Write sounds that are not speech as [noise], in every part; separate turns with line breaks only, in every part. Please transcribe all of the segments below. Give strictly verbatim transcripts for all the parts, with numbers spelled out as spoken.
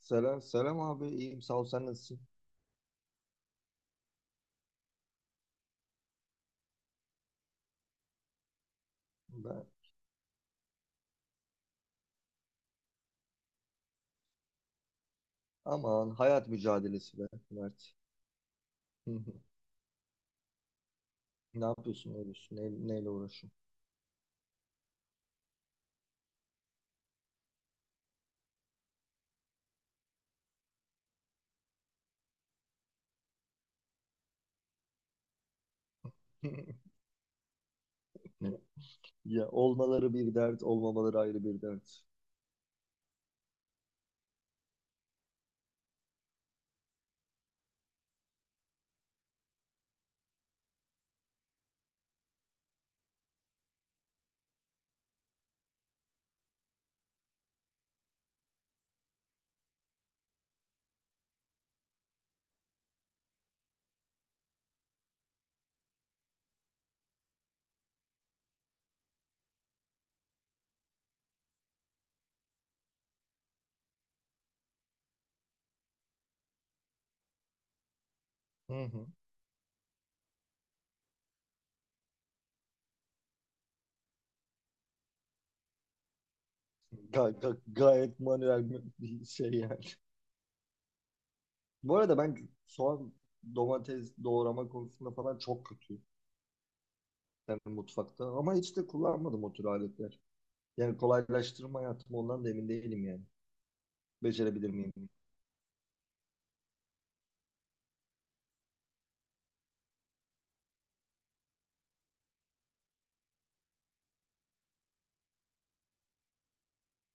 Selam, selam abi. İyiyim, sağ ol. Sen nasılsın? Ben... Aman hayat mücadelesi be Mert. Hı hı. Ne yapıyorsun, ne ediyorsun, ne, neyle uğraşıyorsun? [laughs] Ya olmaları bir dert, olmamaları ayrı bir dert. Hı hı. Ga- ga- gayet manuel bir bir şey yani. Bu arada ben soğan, domates doğrama konusunda falan çok kötüyüm. Yani mutfakta. Ama hiç de kullanmadım o tür aletler. Yani kolaylaştırma hayatım ondan da emin değilim yani. Becerebilir miyim?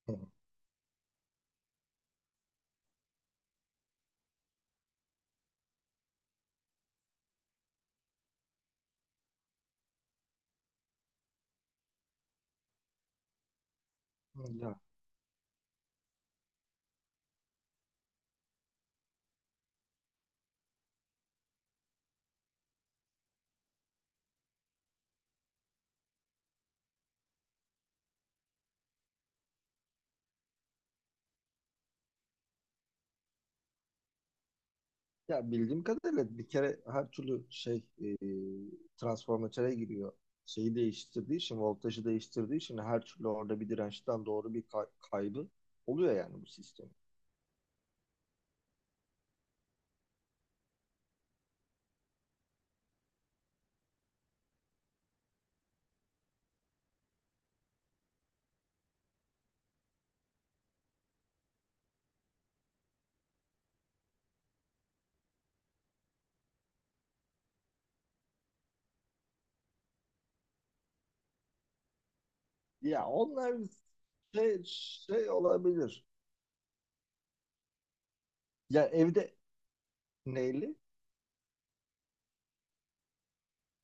[laughs] Ya Ya bildiğim kadarıyla bir kere her türlü şey e, transformatöre giriyor. Şeyi değiştirdiği için, voltajı değiştirdiği için her türlü orada bir dirençten doğru bir kay- kaybı oluyor yani bu sistem. Ya onlar şey, şey olabilir. Ya evde neyli?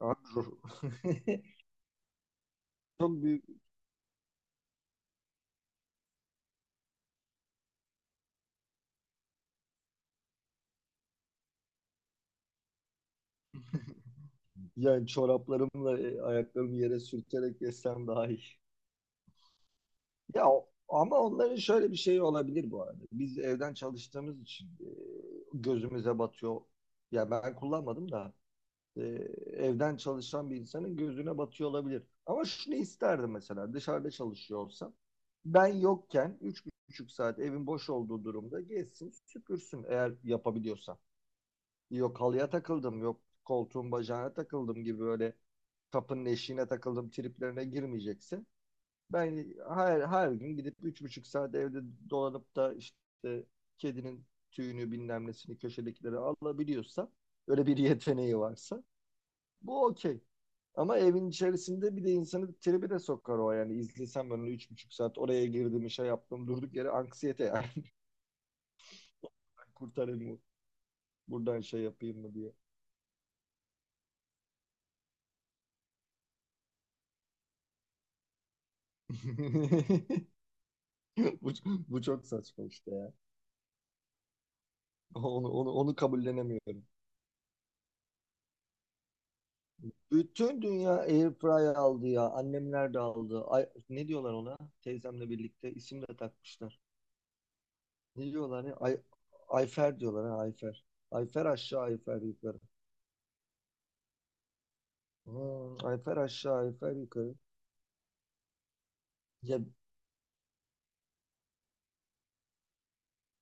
Abi [laughs] çok büyük yani çoraplarımla e, ayaklarımı yere sürterek yesem daha iyi. Ya o- ama onların şöyle bir şeyi olabilir bu arada. Biz evden çalıştığımız için e, gözümüze batıyor. Ya ben kullanmadım da e, evden çalışan bir insanın gözüne batıyor olabilir. Ama şunu isterdim mesela dışarıda çalışıyor olsam ben yokken üç buçuk saat evin boş olduğu durumda gezsin süpürsün eğer yapabiliyorsa. Yok halıya takıldım yok koltuğun bacağına takıldım gibi böyle kapının eşiğine takıldım triplerine girmeyecekse ben her, her gün gidip üç buçuk saat evde dolanıp da işte kedinin tüyünü bilmem nesini köşedekileri alabiliyorsa öyle bir [laughs] yeteneği varsa bu okey. Ama evin içerisinde bir de insanı tribe de sokar o yani. İzlesem ben onu üç buçuk saat oraya girdim şey yaptım durduk yere anksiyete yani. [laughs] Ben kurtarayım mı? Buradan şey yapayım mı diye. [laughs] bu, bu çok saçma işte ya. Onu, onu, onu kabullenemiyorum. Bütün dünya airfryer aldı ya. Annemler de aldı. Ay, ne diyorlar ona? Teyzemle birlikte isim de takmışlar. Ne diyorlar ya? Ay, Ayfer diyorlar ha Ayfer. Ayfer aşağı Ayfer yukarı. Hmm, Ayfer aşağı Ayfer yukarı. Ya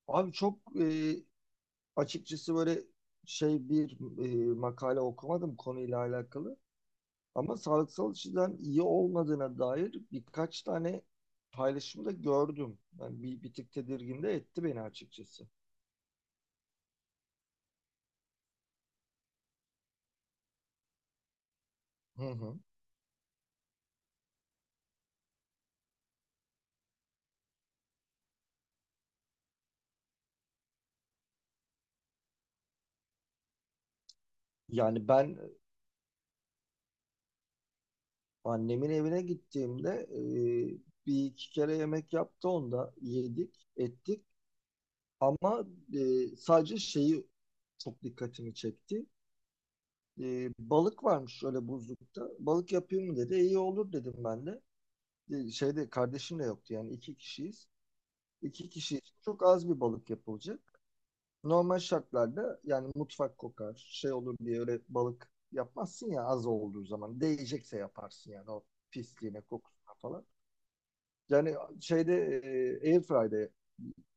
abi çok e, açıkçası böyle şey bir e, makale okumadım konuyla alakalı. Ama sağlıksal açıdan iyi olmadığına dair birkaç tane paylaşımda gördüm. Yani bir, bir tık tedirgin de etti beni açıkçası. Hı hı. Yani ben e, annemin evine gittiğimde e, bir iki kere yemek yaptı onda yedik ettik ama e, sadece şeyi çok dikkatimi çekti. E, balık varmış öyle buzlukta. Balık yapayım mı dedi. E, İyi olur dedim ben de. E, şeyde kardeşim de yoktu yani iki kişiyiz. İki kişi için çok az bir balık yapılacak. Normal şartlarda yani mutfak kokar, şey olur diye öyle balık yapmazsın ya az olduğu zaman. Değecekse yaparsın yani o pisliğine, kokusuna falan. Yani şeyde e, Airfry'de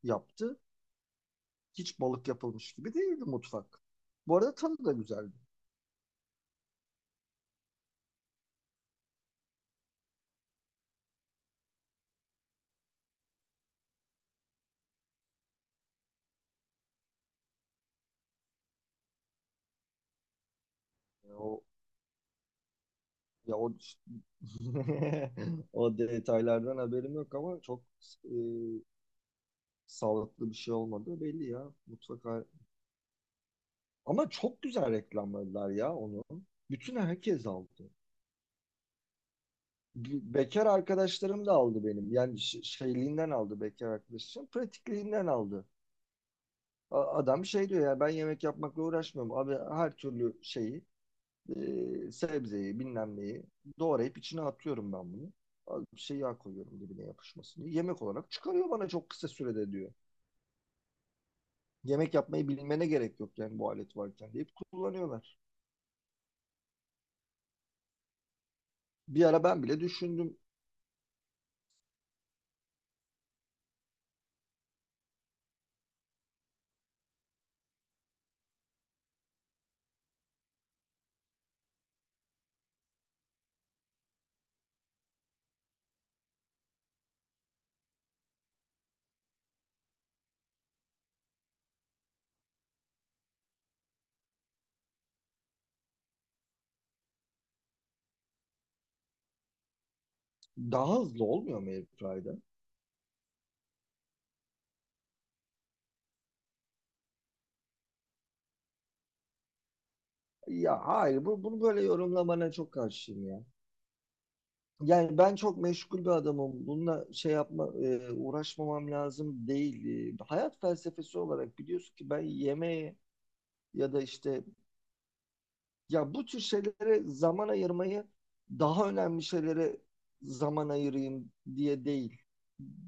yaptı. Hiç balık yapılmış gibi değildi mutfak. Bu arada tadı da güzeldi. Yani o ya o [laughs] o detaylardan haberim yok ama çok e, sağlıklı bir şey olmadığı belli ya mutfak. Ama çok güzel reklamladılar ya onu. Bütün herkes aldı. Bekar arkadaşlarım da aldı benim. Yani ş- şeyliğinden aldı bekar arkadaşım. Pratikliğinden aldı. A- adam şey diyor ya ben yemek yapmakla uğraşmıyorum. Abi her türlü şeyi e, sebzeyi bilmem neyi doğrayıp içine atıyorum ben bunu. Az bir şey yağ koyuyorum dibine yapışmasın diye. Yemek olarak çıkarıyor bana çok kısa sürede diyor. Yemek yapmayı bilmene gerek yok yani bu alet varken deyip kullanıyorlar. Bir ara ben bile düşündüm. Daha hızlı olmuyor mu airfryer'da? Ya hayır bu, bunu böyle yorumlamana çok karşıyım ya. Yani ben çok meşgul bir adamım. Bununla şey yapma, e, uğraşmamam lazım değil. E, hayat felsefesi olarak biliyorsun ki ben yemeğe ya da işte ya bu tür şeylere zaman ayırmayı daha önemli şeylere zaman ayırayım diye değil.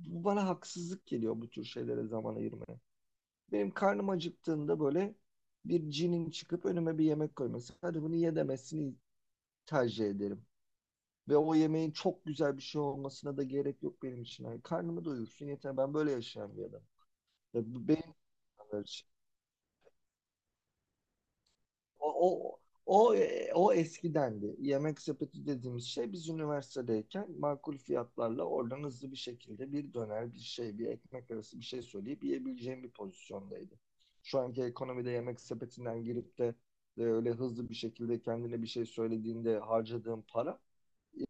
Bu bana haksızlık geliyor bu tür şeylere zaman ayırmaya. Benim karnım acıktığında böyle bir cinin çıkıp önüme bir yemek koyması. Hadi bunu ye demesini tercih ederim. Ve o yemeğin çok güzel bir şey olmasına da gerek yok benim için. Yani karnımı doyursun yeter. Ben böyle yaşayan bir adam. Ya bu benim kadar için. O, o, o, e, o eskidendi. Yemek sepeti dediğimiz şey biz üniversitedeyken makul fiyatlarla oradan hızlı bir şekilde bir döner, bir şey, bir ekmek arası bir şey söyleyip yiyebileceğim bir pozisyondaydı. Şu anki ekonomide yemek sepetinden girip de e, öyle hızlı bir şekilde kendine bir şey söylediğinde harcadığım para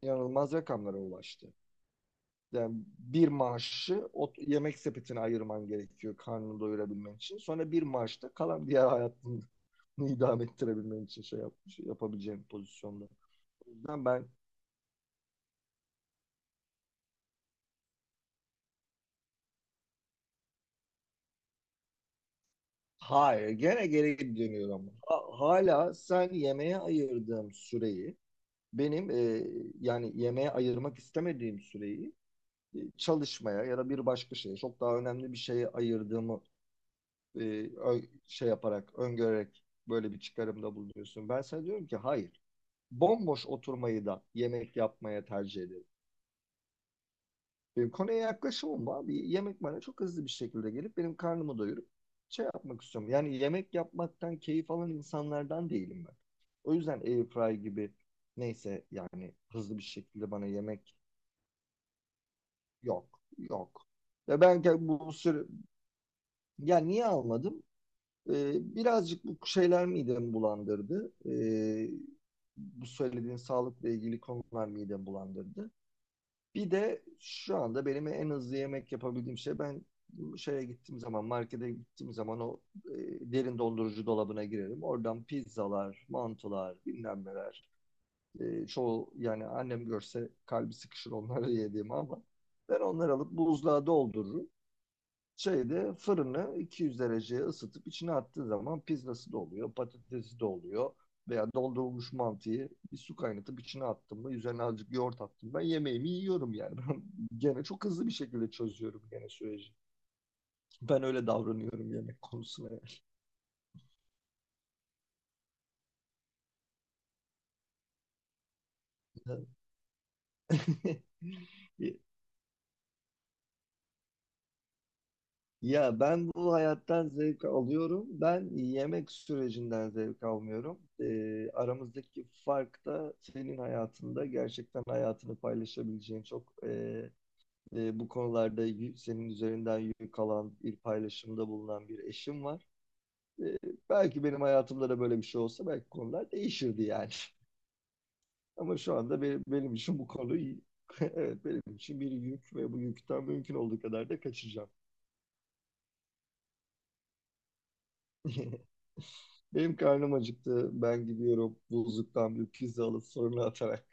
inanılmaz rakamlara ulaştı. Yani bir maaşı o yemek sepetine ayırman gerekiyor karnını doyurabilmen için. Sonra bir maaşta kalan diğer hayatını [laughs] idame ettirebilmen için şey yap, şey yapabileceğin pozisyonda. O yüzden ben hayır gene geri dönüyorum. Ha- hala sen yemeğe ayırdığım süreyi benim e, yani yemeğe ayırmak istemediğim süreyi e, çalışmaya ya da bir başka şeye çok daha önemli bir şeye ayırdığımı e, ö- şey yaparak, öngörerek böyle bir çıkarımda bulunuyorsun. Ben sana diyorum ki hayır. Bomboş oturmayı da yemek yapmaya tercih ederim. Benim konuya yaklaşımım bu abi. Yemek bana çok hızlı bir şekilde gelip benim karnımı doyurup şey yapmak istiyorum. Yani yemek yapmaktan keyif alan insanlardan değilim ben. O yüzden airfryer gibi neyse yani hızlı bir şekilde bana yemek yok. Yok. Ya ben ke- bu sürü ya niye almadım? Ee, birazcık bu şeyler midemi bulandırdı. Ee, bu söylediğin sağlıkla ilgili konular midemi bulandırdı. Bir de şu anda benim en hızlı yemek yapabildiğim şey ben şeye gittiğim zaman, markete gittiğim zaman o e, derin dondurucu dolabına girerim. Oradan pizzalar, mantılar, bilmem neler. E, çoğu yani annem görse kalbi sıkışır onları [laughs] yediğimi ama ben onları alıp buzluğa doldururum şeyde fırını iki yüz dereceye ısıtıp içine attığı zaman pizzası da oluyor, patatesi de oluyor. Veya doldurulmuş mantıyı bir su kaynatıp içine attım da üzerine azıcık yoğurt attım ben yemeğimi yiyorum yani. [laughs] Ben gene çok hızlı bir şekilde çözüyorum gene süreci. Ben öyle davranıyorum yemek konusuna. Yani. [laughs] Ya ben bu hayattan zevk alıyorum. Ben yemek sürecinden zevk almıyorum. Ee, aramızdaki fark da senin hayatında gerçekten hayatını paylaşabileceğin çok e, e, bu konularda yü- senin üzerinden yük alan bir paylaşımda bulunan bir eşim var. Ee, belki benim hayatımda da böyle bir şey olsa belki konular değişirdi yani. [laughs] Ama şu anda benim, benim için bu konu [laughs] evet benim için bir yük ve bu yükten mümkün olduğu kadar da kaçacağım. [laughs] Benim karnım acıktı. Ben gidiyorum buzluktan bir pizza alıp fırına atarak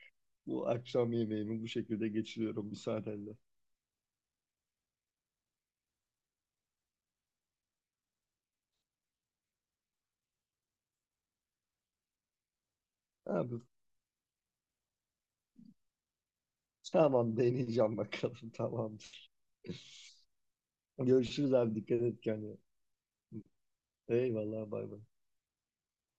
bu akşam yemeğimi bu şekilde geçiriyorum müsaadenle. Abi, tamam deneyeceğim bakalım [laughs] tamam. Görüşürüz abi, dikkat et kendine. Eyvallah bay bay.